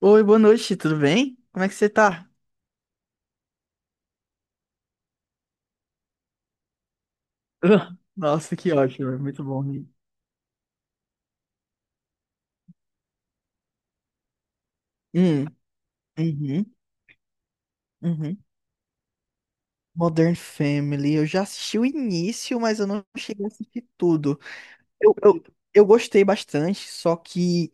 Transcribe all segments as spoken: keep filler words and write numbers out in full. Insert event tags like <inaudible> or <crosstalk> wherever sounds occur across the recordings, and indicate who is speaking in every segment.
Speaker 1: Oi, boa noite, tudo bem? Como é que você tá? <laughs> Nossa, que ótimo, é muito bom rir. Hum, uhum, uhum. Modern Family, eu já assisti o início, mas eu não cheguei a assistir tudo. Eu, eu, eu gostei bastante, só que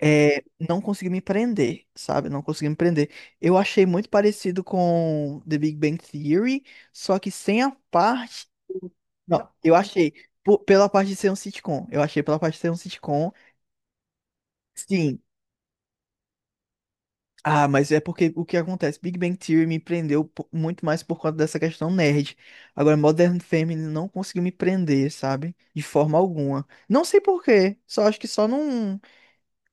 Speaker 1: é, não consegui me prender, sabe? Não consegui me prender. Eu achei muito parecido com The Big Bang Theory, só que sem a parte. Não, eu achei po- pela parte de ser um sitcom. Eu achei pela parte de ser um sitcom. Sim. Ah, mas é porque o que acontece? Big Bang Theory me prendeu po- muito mais por conta dessa questão nerd. Agora, Modern Family não conseguiu me prender, sabe? De forma alguma. Não sei por quê. Só acho que só não.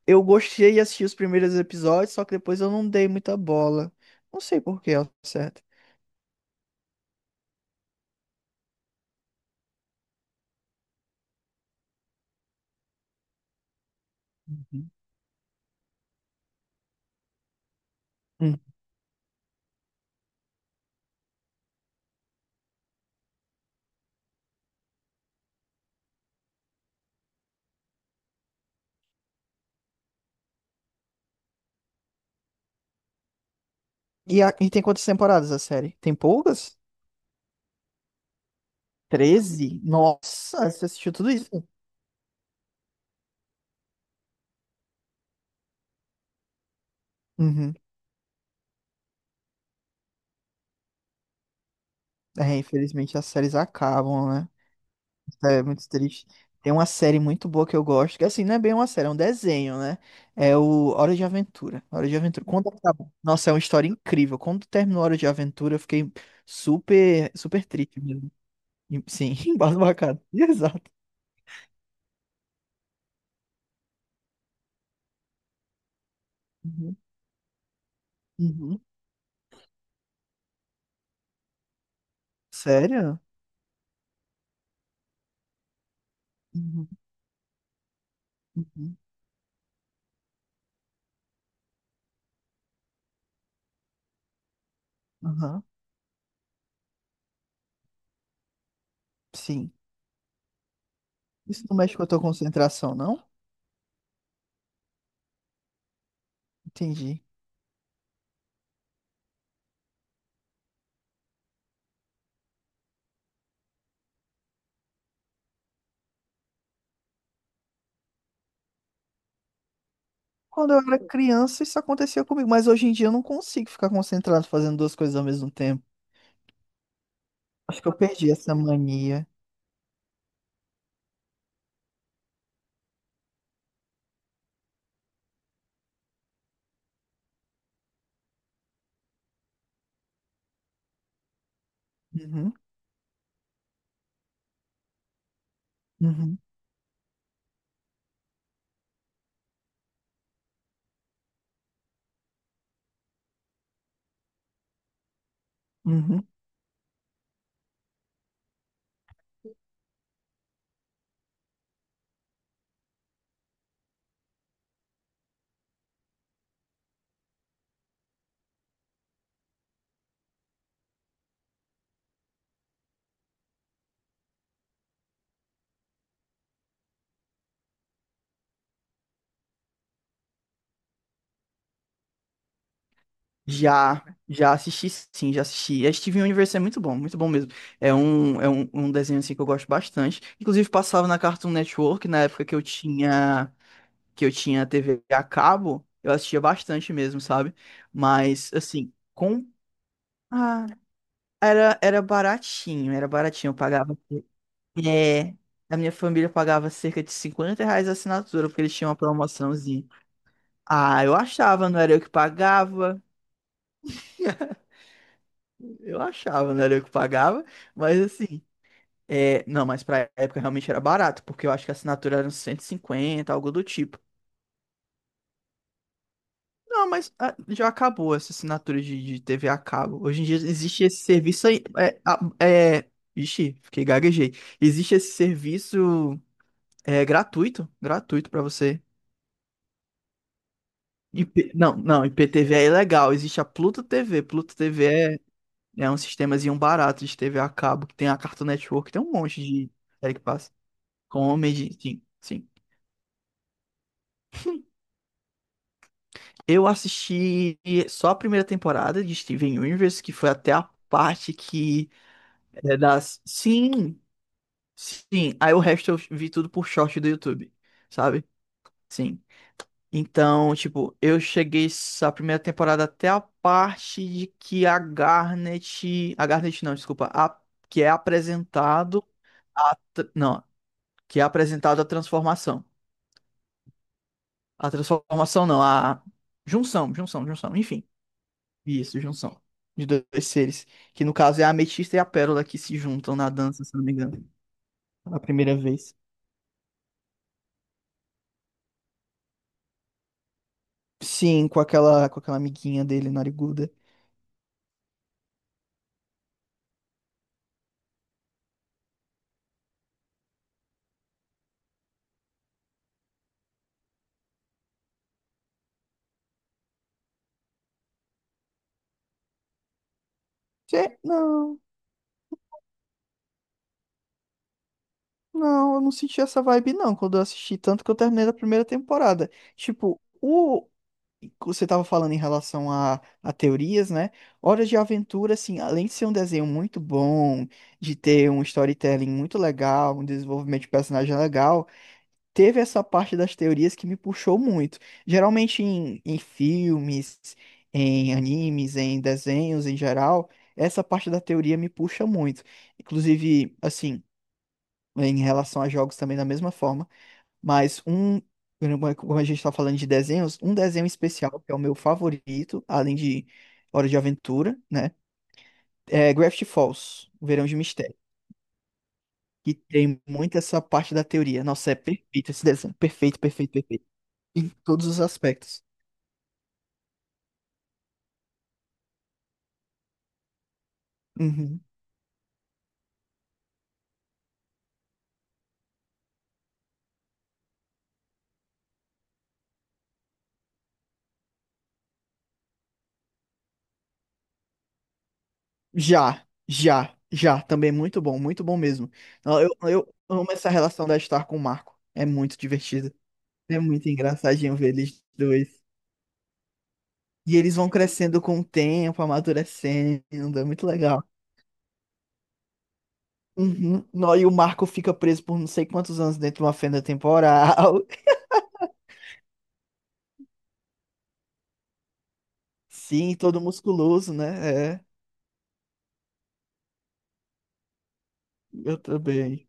Speaker 1: Eu gostei de assistir os primeiros episódios, só que depois eu não dei muita bola. Não sei por quê, ao certo. Uhum. Hum. E, a- e tem quantas temporadas a série? Tem poucas? Treze. Nossa, você assistiu tudo isso? Uhum. É, infelizmente as séries acabam, né? É muito triste. Tem uma série muito boa que eu gosto, que assim, não é bem uma série, é um desenho, né? É o Hora de Aventura. Hora de Aventura. Quando acabou- Nossa, é uma história incrível. Quando terminou Hora de Aventura, eu fiquei super, super triste mesmo. E- Sim, <laughs> embasbacado. Exato. Uhum. Uhum. Sério? Uhum. Uhum. Aham. Sim. Isso não mexe com a tua concentração, não? Entendi. Quando eu era criança, isso acontecia comigo, mas hoje em dia eu não consigo ficar concentrado fazendo duas coisas ao mesmo tempo. Acho que eu perdi essa mania. Uhum, uhum, uhum. Já, já assisti, sim, já assisti. A Steven Universe é muito bom, muito bom mesmo. É um, é um, um desenho assim que eu gosto bastante. Inclusive passava na Cartoon Network na época que eu tinha que eu tinha T V a cabo, eu assistia bastante mesmo, sabe? Mas assim, com ah, era era baratinho, era baratinho, eu pagava é, a minha família pagava cerca de cinquenta reais a assinatura porque eles tinham uma promoçãozinha. Ah, eu achava, não era eu que pagava. <laughs> Eu achava, né? Era eu que pagava, mas assim, é, não, mas pra época realmente era barato, porque eu acho que a assinatura era uns cento e cinquenta, algo do tipo. Não, mas ah, já acabou essa assinatura de, de T V a cabo. Hoje em dia existe esse serviço aí. É, a- é, ixi, fiquei gaguejei. Existe esse serviço é, gratuito, gratuito pra você. I P não, não, I P T V é ilegal. Existe a Pluto T V. Pluto T V é, é um sistemazinho barato de T V a cabo, que tem a Cartoon Network, tem um monte de série que passa. Comedy, sim, sim. Eu assisti só a primeira temporada de Steven Universe, que foi até a parte que é das. Sim, sim. Aí o resto eu vi tudo por short do YouTube, sabe? Sim. Então, tipo, eu cheguei a primeira temporada até a parte de que a Garnet. A Garnet não, desculpa. A... Que é apresentado a. tr- Não, que é apresentado a transformação. A transformação não, a. Junção, junção, junção, enfim. Isso, junção. De dois seres. Que no caso é a ametista e a pérola que se juntam na dança, se não me engano. A primeira vez. Sim, com aquela, com aquela amiguinha dele, nariguda. Gente, não, não, eu não senti essa vibe não quando eu assisti, tanto que eu terminei da primeira temporada. Tipo, o você tava falando em relação a, a teorias, né? Horas de Aventura, assim, além de ser um desenho muito bom, de ter um storytelling muito legal, um desenvolvimento de personagem legal. Teve essa parte das teorias que me puxou muito. Geralmente em, em filmes, em animes, em desenhos em geral, essa parte da teoria me puxa muito. Inclusive, assim, em relação a jogos também da mesma forma, mas um, como a gente está falando de desenhos, um desenho especial que é o meu favorito, além de Hora de Aventura, né? É Gravity Falls, O Verão de Mistério. Que tem muito essa parte da teoria. Nossa, é perfeito esse desenho. Perfeito, perfeito, perfeito. Em todos os aspectos. Uhum. Já, já, já. Também é muito bom, muito bom mesmo. Ó, Eu, eu amo essa relação da Star com o Marco. É muito divertido. É muito engraçadinho ver eles dois. E eles vão crescendo com o tempo, amadurecendo. É muito legal. Uhum. Nó, e o Marco fica preso por não sei quantos anos dentro de uma fenda temporal. <laughs> Sim, todo musculoso, né? É, eu também.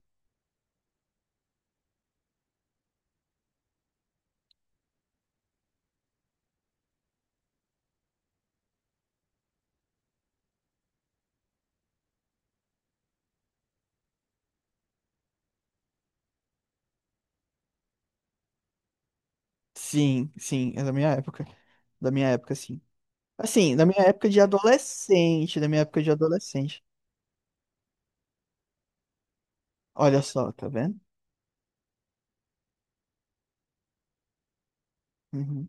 Speaker 1: Sim, sim, é da minha época. Da minha época, sim. Assim, na minha época de adolescente, na minha época de adolescente. Olha só, tá vendo? Uhum.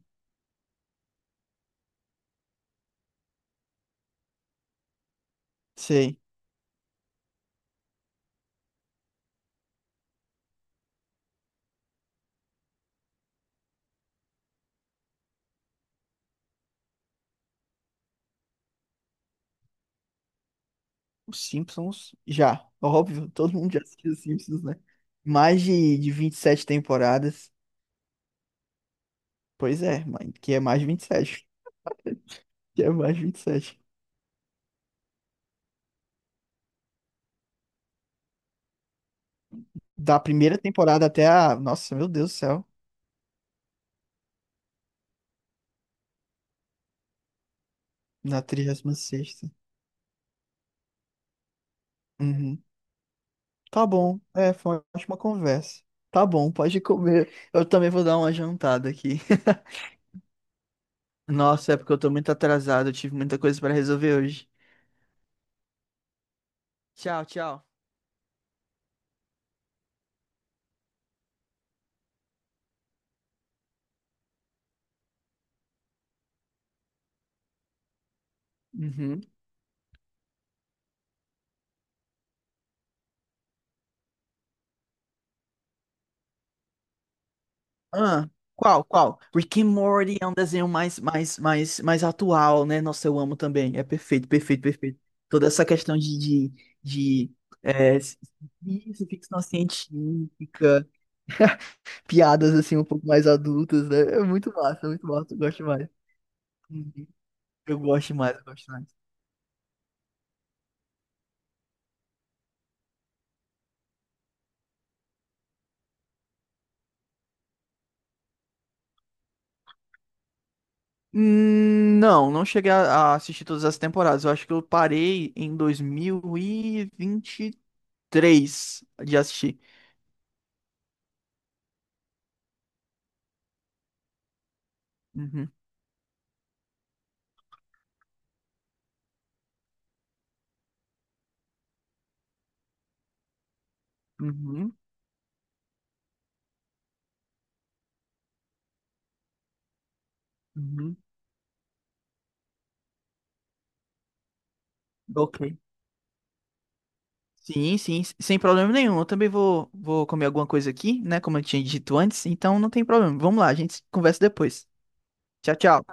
Speaker 1: Sei. Os Simpsons, já. Óbvio, <laughs> todo mundo já assistiu os Simpsons, né? Mais de, de vinte e sete temporadas. Pois é, mãe, que é mais de vinte e sete. <laughs> Que é mais de vinte e sete. Da primeira temporada até a. Nossa, meu Deus do céu. Na trigésima sexta. Uhum. Tá bom. É, foi uma ótima conversa. Tá bom, pode comer. Eu também vou dar uma jantada aqui. Nossa, é porque eu tô muito atrasado, eu tive muita coisa pra resolver hoje. Tchau, tchau. Uhum. Ah, qual, qual? Rick and Morty é um desenho mais, mais, mais, mais atual, né? Nossa, eu amo também. É perfeito, perfeito, perfeito. Toda essa questão de, de, de é, isso, ficção científica. Piadas assim um pouco mais adultas, né? É muito massa, é muito massa, eu gosto mais. Uhum. Eu gosto mais, eu gosto mais. Hum, Não, não cheguei a a assistir todas as temporadas. Eu acho que eu parei em dois mil e vinte e três de assistir. Uhum, uhum, uhum. Ok. Sim, sim, s- sem problema nenhum. Eu também vou, vou comer alguma coisa aqui, né? Como eu tinha dito antes, então não tem problema. Vamos lá, a gente conversa depois. Tchau, tchau.